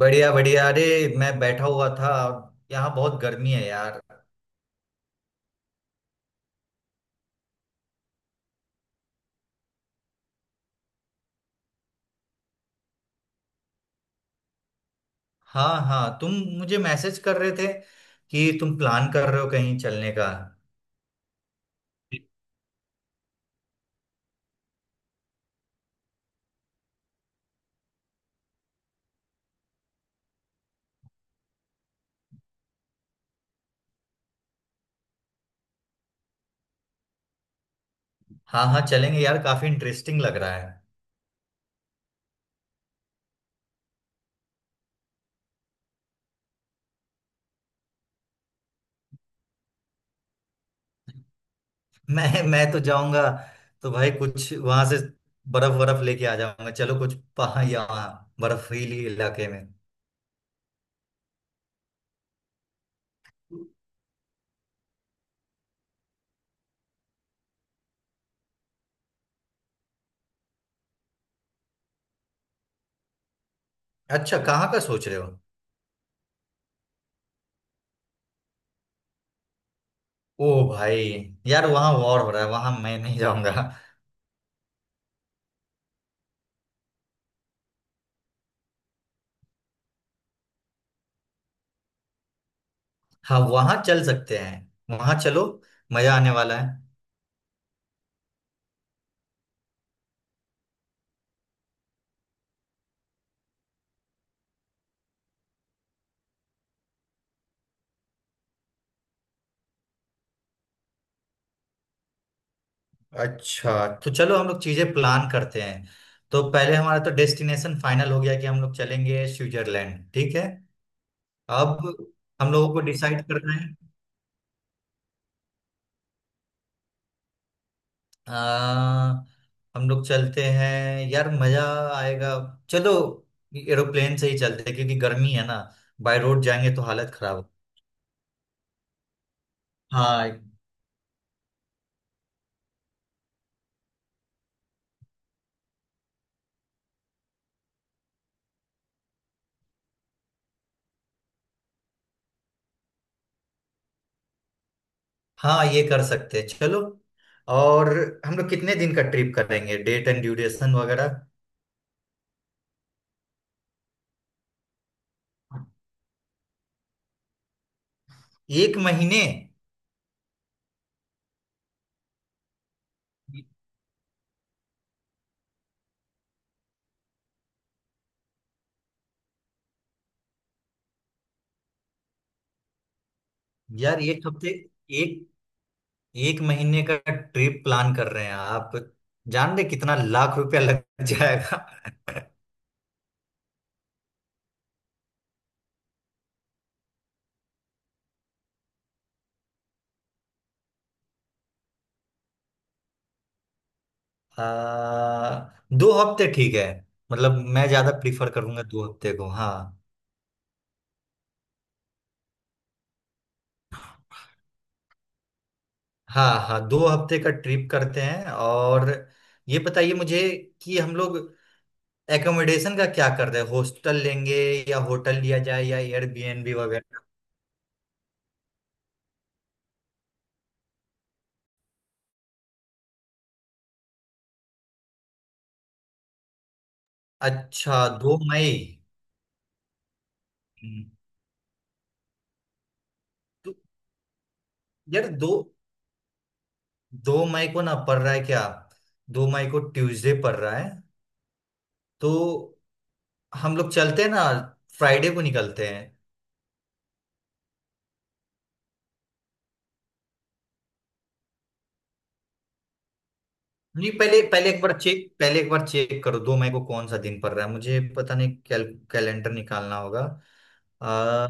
बढ़िया बढ़िया, अरे मैं बैठा हुआ था। यहाँ बहुत गर्मी है यार। हाँ हाँ, तुम मुझे मैसेज कर रहे थे कि तुम प्लान कर रहे हो कहीं चलने का। हाँ हाँ, चलेंगे यार, काफी इंटरेस्टिंग लग रहा है। मैं तो जाऊंगा। तो भाई कुछ वहां से बर्फ बर्फ लेके आ जाऊंगा, चलो कुछ पहाड़ या वहाँ बर्फीली इलाके में। अच्छा, कहाँ का सोच रहे हो? ओ भाई यार, वहाँ वॉर हो रहा है, वहां मैं नहीं जाऊंगा। हाँ, वहां चल सकते हैं, वहां चलो, मजा आने वाला है। अच्छा तो चलो हम लोग चीजें प्लान करते हैं। तो पहले हमारा तो डेस्टिनेशन फाइनल हो गया कि हम लोग चलेंगे स्विट्जरलैंड, ठीक है। अब हम लोगों को डिसाइड करना है। आ, हम लोग चलते हैं यार, मजा आएगा। चलो, एरोप्लेन से ही चलते हैं क्योंकि गर्मी है ना, बाय रोड जाएंगे तो हालत खराब हो। हाँ हाँ, ये कर सकते हैं, चलो। और हम लोग कितने दिन का ट्रिप करेंगे? डेट एंड ड्यूरेशन वगैरह। एक महीने? यार, एक हफ्ते एक एक महीने का ट्रिप प्लान कर रहे हैं आप? जान रहे कितना लाख रुपया लग जाएगा? आ, 2 हफ्ते ठीक है। मतलब मैं ज्यादा प्रीफर करूंगा 2 हफ्ते को, हाँ। हाँ हाँ, 2 हफ्ते का ट्रिप करते हैं, और ये बताइए मुझे कि हम लोग एकोमोडेशन का क्या कर रहे हैं? हॉस्टल लेंगे या होटल लिया जाए या एयरबीएनबी वगैरह? अच्छा, 2 मई। हम्म, तो यार दो 2 मई को ना पड़ रहा है क्या? 2 मई को ट्यूसडे पड़ रहा है? तो हम लोग चलते हैं ना, फ्राइडे को निकलते हैं। नहीं, पहले पहले एक बार चेक पहले एक बार चेक करो 2 मई को कौन सा दिन पड़ रहा है, मुझे पता नहीं। कैलेंडर निकालना होगा। आ,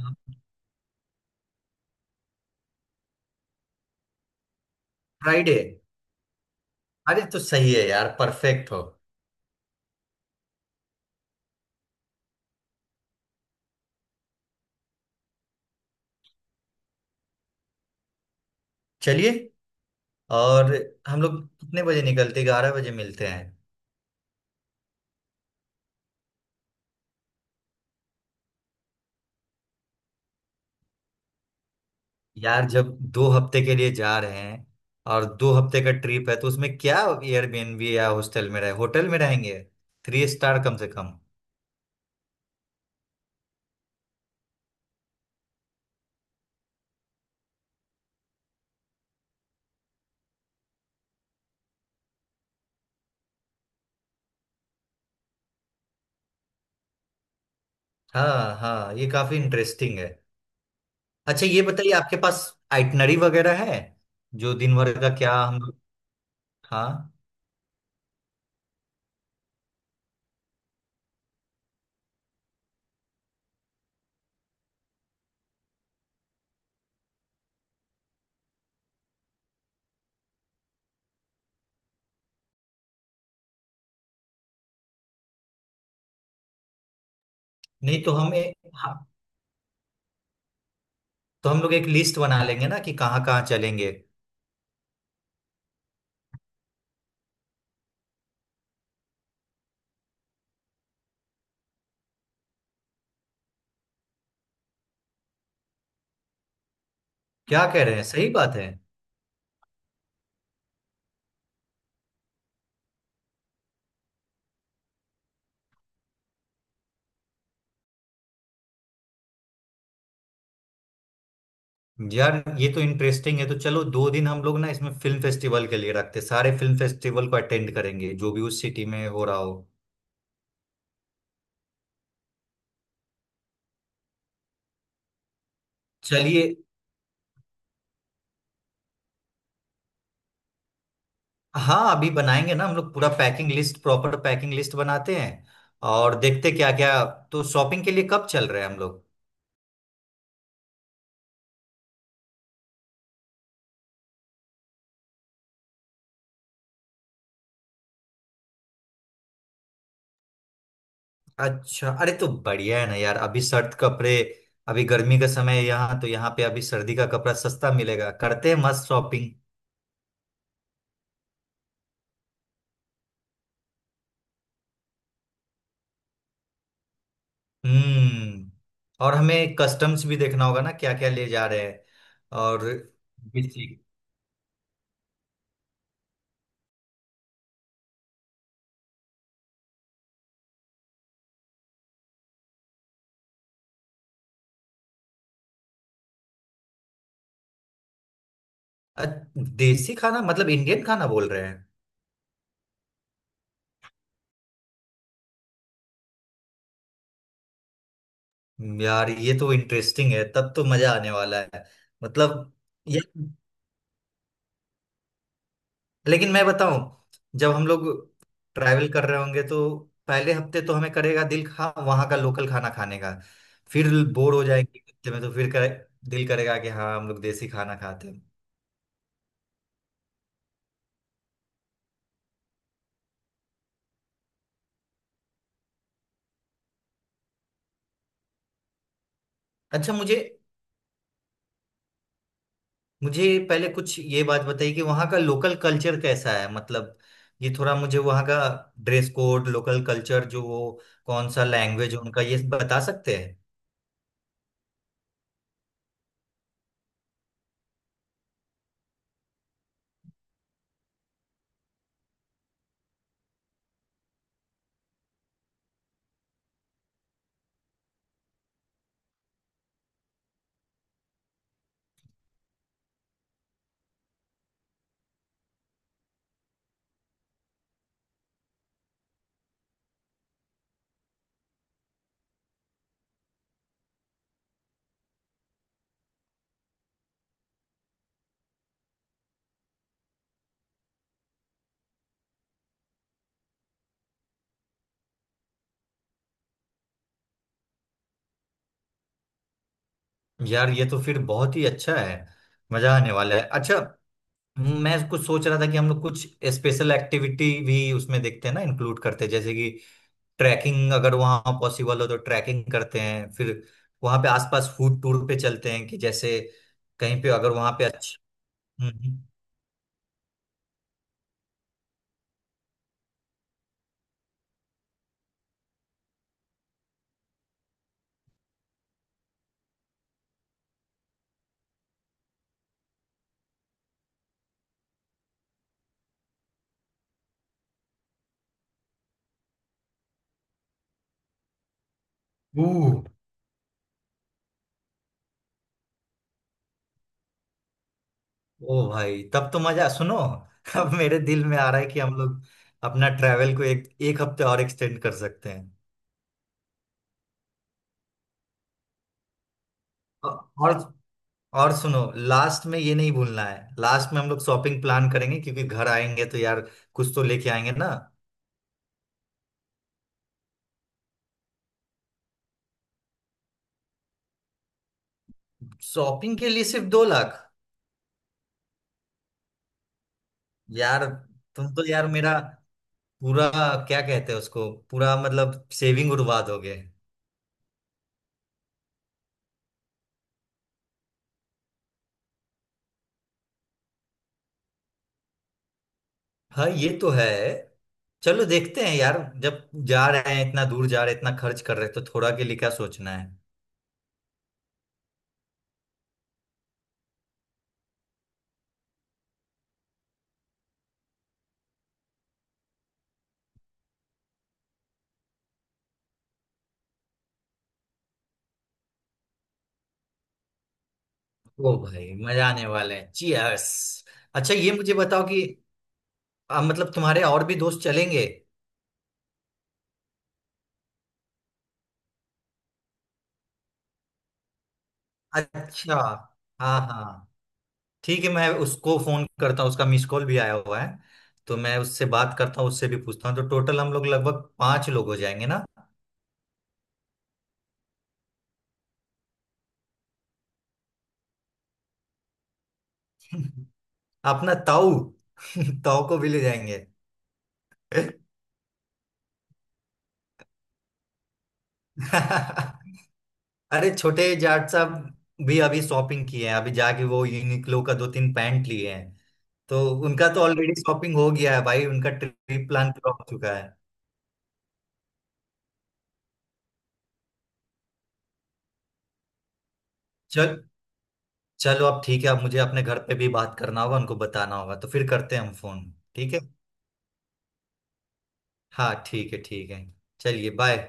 फ्राइडे, अरे तो सही है यार, परफेक्ट हो। चलिए, और हम लोग कितने बजे निकलते? 11 बजे मिलते हैं। यार जब दो हफ्ते के लिए जा रहे हैं और 2 हफ्ते का ट्रिप है तो उसमें क्या एयरबीएनबी या हॉस्टल में रहे? होटल में रहेंगे, थ्री स्टार कम से कम। हाँ हाँ, ये काफी इंटरेस्टिंग है। अच्छा, ये बताइए आपके पास आइटनरी वगैरह है जो दिन भर का, क्या हम लोग? हाँ, नहीं तो हाँ, तो हम लोग एक लिस्ट बना लेंगे ना कि कहाँ कहाँ चलेंगे। क्या कह रहे हैं, सही बात है। यार ये तो इंटरेस्टिंग है, तो चलो 2 दिन हम लोग ना इसमें फिल्म फेस्टिवल के लिए रखते हैं। सारे फिल्म फेस्टिवल को अटेंड करेंगे जो भी उस सिटी में हो रहा हो। चलिए, हाँ अभी बनाएंगे ना हम लोग पूरा packing list, proper packing list बनाते हैं और देखते क्या क्या। तो शॉपिंग के लिए कब चल रहे हैं हम लोग? अच्छा, अरे तो बढ़िया है ना यार, अभी सर्द कपड़े। अभी गर्मी का समय है यहाँ, तो यहाँ पे अभी सर्दी का कपड़ा सस्ता मिलेगा, करते हैं मस्त शॉपिंग। हम्म। और हमें कस्टम्स भी देखना होगा ना, क्या क्या ले जा रहे हैं? और देसी। अ- देसी खाना मतलब इंडियन खाना बोल रहे हैं? यार ये तो इंटरेस्टिंग है, तब तो मजा आने वाला है। मतलब ये, लेकिन मैं बताऊं, जब हम लोग ट्रैवल कर रहे होंगे तो पहले हफ्ते तो हमें करेगा दिल, खा वहां का लोकल खाना खाने का। फिर बोर हो जाएंगे हफ्ते में, तो फिर दिल करेगा कि हाँ, हम लोग देसी खाना खाते हैं। अच्छा, मुझे मुझे पहले कुछ ये बात बताइए कि वहाँ का लोकल कल्चर कैसा है? मतलब, ये थोड़ा मुझे वहाँ का ड्रेस कोड, लोकल कल्चर, जो वो कौन सा लैंग्वेज है उनका, ये बता सकते हैं? यार ये तो फिर बहुत ही अच्छा है, मजा आने वाला है। अच्छा, मैं कुछ सोच रहा था कि हम लोग कुछ स्पेशल एक्टिविटी भी उसमें देखते हैं ना, इंक्लूड करते हैं, जैसे कि ट्रैकिंग, अगर वहाँ पॉसिबल हो तो ट्रैकिंग करते हैं। फिर वहाँ पे आसपास फूड टूर पे चलते हैं, कि जैसे कहीं पे अगर वहाँ पे अच्छा। हम्म, हम्म। ओह। ओ भाई, तब तो मजा, सुनो। अब मेरे दिल में आ रहा है कि हम लोग अपना ट्रैवल को एक एक हफ्ते और एक्सटेंड कर सकते हैं। औ- और और सुनो, लास्ट में ये नहीं भूलना है, लास्ट में हम लोग शॉपिंग प्लान करेंगे क्योंकि घर आएंगे तो यार कुछ तो लेके आएंगे ना। शॉपिंग के लिए सिर्फ 2 लाख? यार, तुम तो यार मेरा पूरा, क्या कहते हैं उसको, पूरा मतलब सेविंग उड़वा दोगे। हाँ, ये तो है, चलो देखते हैं यार। जब जा रहे हैं, इतना दूर जा रहे हैं, इतना खर्च कर रहे हैं, तो थोड़ा के लिए क्या सोचना है। ओ भाई मजा आने वाला है, चीयर्स। अच्छा, ये मुझे बताओ कि मतलब तुम्हारे और भी दोस्त चलेंगे? अच्छा, हाँ हाँ, ठीक है, मैं उसको फोन करता हूँ, उसका मिस कॉल भी आया हुआ है, तो मैं उससे बात करता हूँ, उससे भी पूछता हूँ, तो टोटल हम लोग लगभग पांच लोग हो जाएंगे ना। अपना ताऊ। ताऊ को भी ले जाएंगे। अरे, छोटे जाट साहब भी अभी शॉपिंग किए हैं, अभी जाके वो यूनिक्लो का दो तीन पैंट लिए हैं, तो उनका तो ऑलरेडी शॉपिंग हो गया है भाई, उनका ट्रिप प्लान पूरा हो चुका है। चल चलो अब, ठीक है। अब मुझे अपने घर पे भी बात करना होगा, उनको बताना होगा, तो फिर करते हैं हम फोन। ठीक है। हाँ ठीक है, ठीक है, चलिए, बाय।